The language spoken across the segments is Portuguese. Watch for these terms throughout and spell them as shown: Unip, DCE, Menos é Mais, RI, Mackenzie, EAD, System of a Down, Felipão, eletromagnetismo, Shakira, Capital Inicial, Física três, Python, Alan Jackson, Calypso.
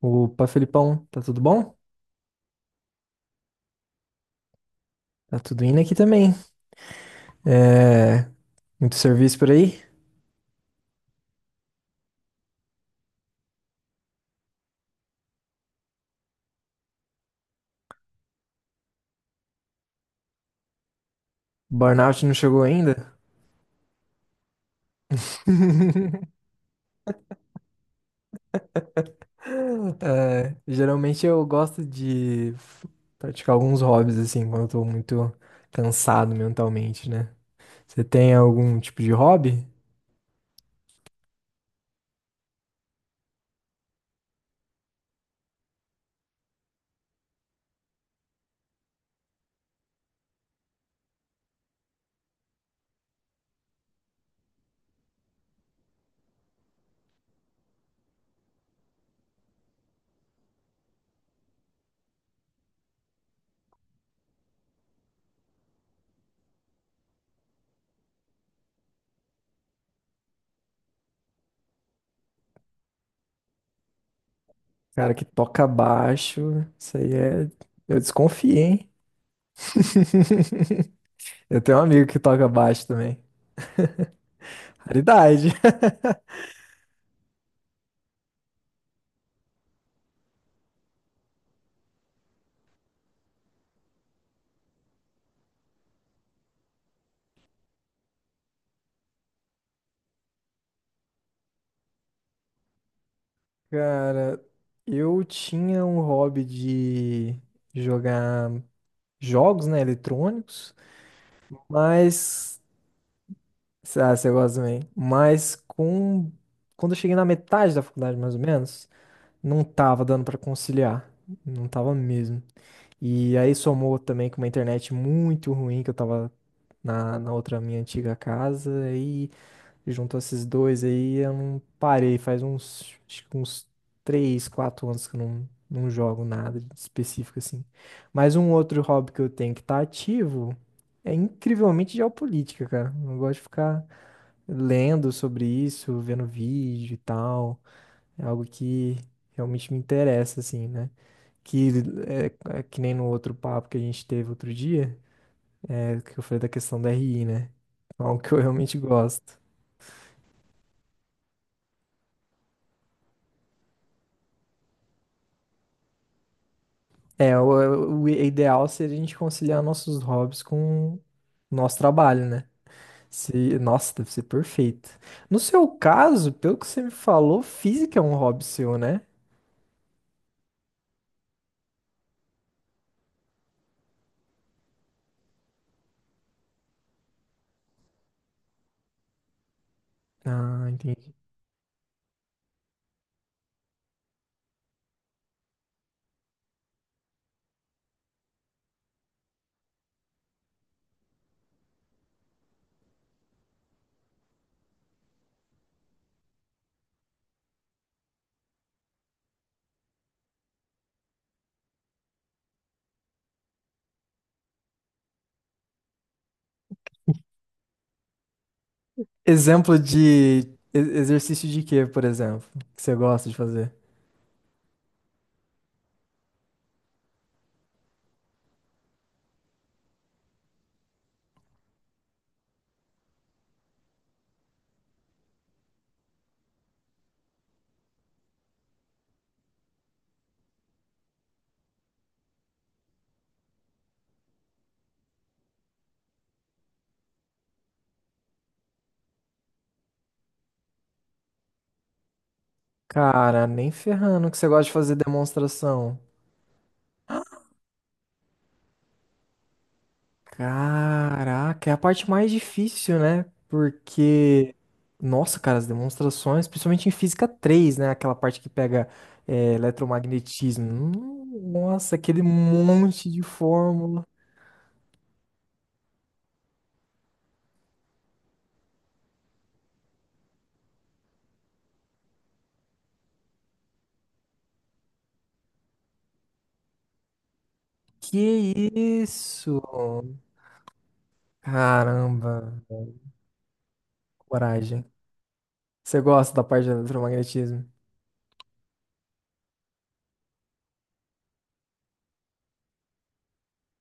Opa, Felipão, tá tudo bom? Tá tudo indo aqui também. É, muito serviço por aí? Burnout não chegou ainda? É, geralmente eu gosto praticar alguns hobbies assim, quando eu tô muito cansado mentalmente, né? Você tem algum tipo de hobby? Cara que toca baixo, isso aí é. Eu desconfiei, hein? Eu tenho um amigo que toca baixo também. Raridade. Cara, eu tinha um hobby de jogar jogos, né, eletrônicos, mas, ah, você gosta também, mas com, quando eu cheguei na metade da faculdade, mais ou menos, não tava dando pra conciliar, não tava mesmo. E aí somou também com uma internet muito ruim que eu tava na outra minha antiga casa, e junto a esses dois aí, eu não parei. Faz uns, acho que uns 3 4 anos que eu não jogo nada específico assim. Mas um outro hobby que eu tenho que tá ativo é incrivelmente geopolítica, cara. Eu gosto de ficar lendo sobre isso, vendo vídeo e tal. É algo que realmente me interessa, assim, né? Que é, é que nem no outro papo que a gente teve outro dia, é, que eu falei da questão da RI, né? É algo que eu realmente gosto. É, o ideal seria a gente conciliar nossos hobbies com o nosso trabalho, né? Se, nossa, deve ser perfeito. No seu caso, pelo que você me falou, física é um hobby seu, né? Ah, entendi. Exemplo de exercício de quê, por exemplo, que você gosta de fazer? Cara, nem ferrando que você gosta de fazer demonstração. Caraca, é a parte mais difícil, né? Porque, nossa, cara, as demonstrações, principalmente em física três, né? Aquela parte que pega é, eletromagnetismo. Nossa, aquele monte de fórmula. Que isso? Caramba, coragem. Você gosta da parte de eletromagnetismo?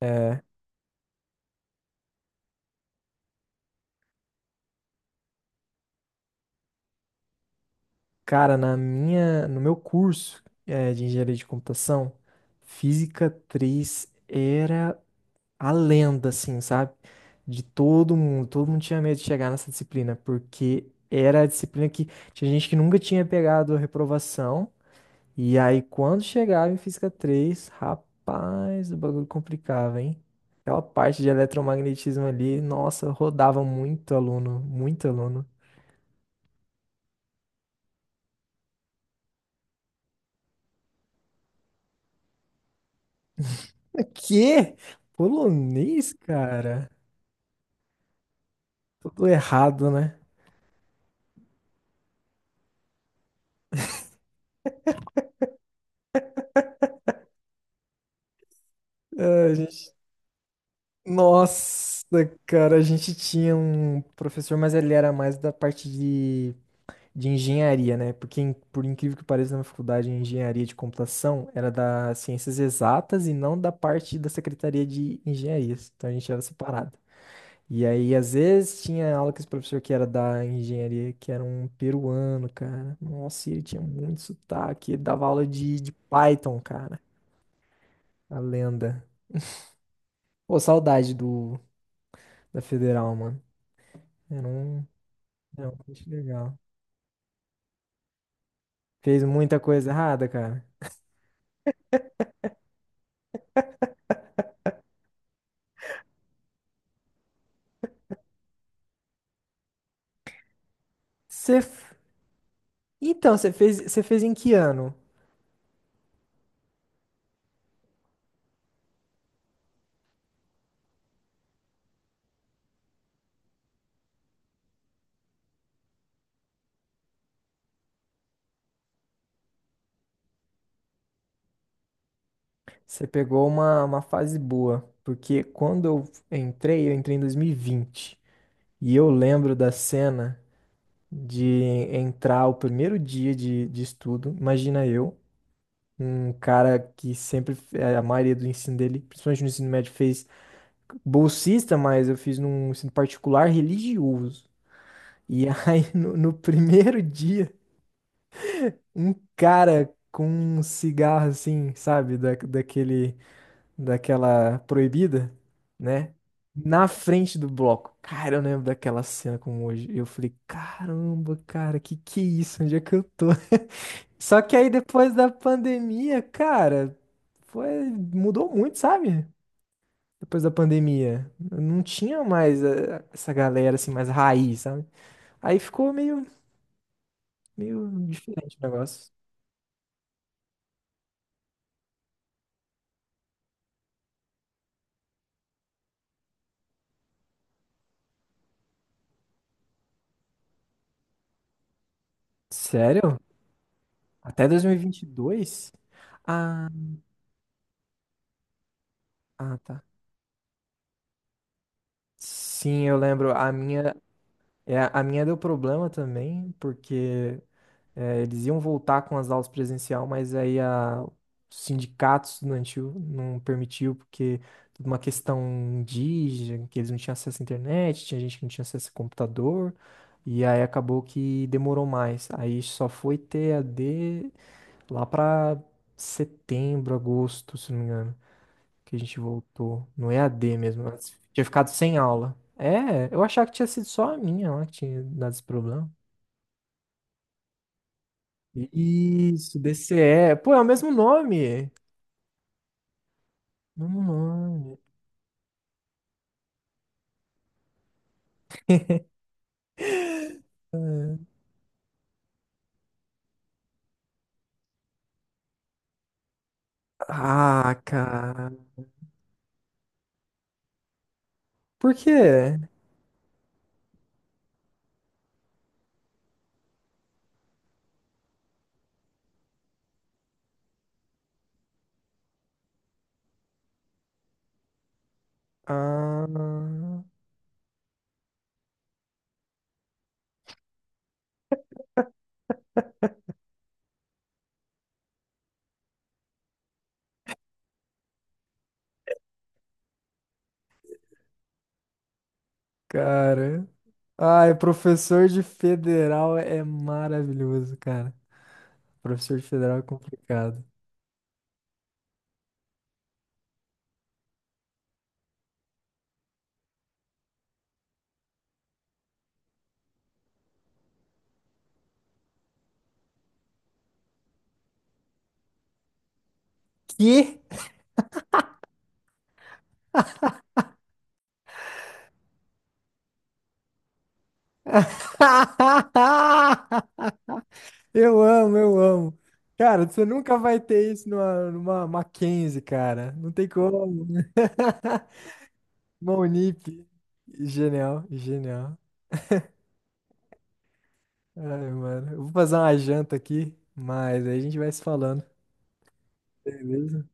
É, cara, na minha, no meu curso é, de engenharia de computação, física três era a lenda, assim, sabe? De todo mundo. Todo mundo tinha medo de chegar nessa disciplina, porque era a disciplina que tinha gente que nunca tinha pegado a reprovação. E aí, quando chegava em física três, rapaz, o bagulho complicava, hein? Aquela parte de eletromagnetismo ali, nossa, rodava muito aluno, muito aluno. Quê? Polonês, cara? Tudo errado, né? A gente... nossa, cara, a gente tinha um professor, mas ele era mais da parte de engenharia, né? Porque, por incrível que pareça, na minha faculdade de engenharia de computação era da ciências exatas e não da parte da secretaria de engenharias. Então a gente era separado. E aí, às vezes, tinha aula com esse professor que era da engenharia, que era um peruano, cara. Nossa, e ele tinha muito sotaque. Ele dava aula de Python, cara. A lenda. Pô, saudade do, da federal, mano. Era um... não, legal. Fez muita coisa errada, cara. Você... f- Então, você fez em que ano? Você pegou uma fase boa, porque quando eu entrei em 2020. E vinte. E eu lembro da cena de entrar o primeiro dia de estudo. Imagina eu, um cara que sempre, a maioria do ensino dele, principalmente no ensino médio, fez bolsista, mas eu fiz num ensino particular religioso. E aí, no primeiro dia, um cara com um cigarro assim, sabe, da, daquele, daquela proibida, né? Na frente do bloco. Cara, eu lembro daquela cena como hoje. Eu falei, caramba, cara, que é isso? Onde é que eu tô? Só que aí depois da pandemia, cara, foi, mudou muito, sabe? Depois da pandemia, não tinha mais essa galera assim mais raiz, sabe? Aí ficou meio diferente o negócio. Sério? Até dois mil e vinte e dois. Ah, ah, tá. Sim, eu lembro. A minha, é, a minha deu problema também, porque é, eles iam voltar com as aulas presencial, mas aí a, o sindicato estudantil não permitiu, porque tudo uma questão indígena, que eles não tinham acesso à internet, tinha gente que não tinha acesso a computador, e aí acabou que demorou mais. Aí só foi ter EAD lá para setembro, agosto, se não me engano. Que a gente voltou no EAD mesmo antes. Tinha ficado sem aula. É, eu achava que tinha sido só a minha lá que tinha dado esse problema. Isso, DCE. Pô, é o mesmo nome. Mesmo nome. É. Ah, cara. Por quê? Ah, cara. Ai, professor de federal é maravilhoso, cara. Professor de federal é complicado. Que? Eu amo, eu amo. Cara, você nunca vai ter isso numa, numa Mackenzie, cara. Não tem como. Uma Unip. Genial, genial. Ai, mano. Eu vou fazer uma janta aqui, mas aí a gente vai se falando. Beleza?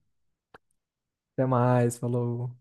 Até mais, falou.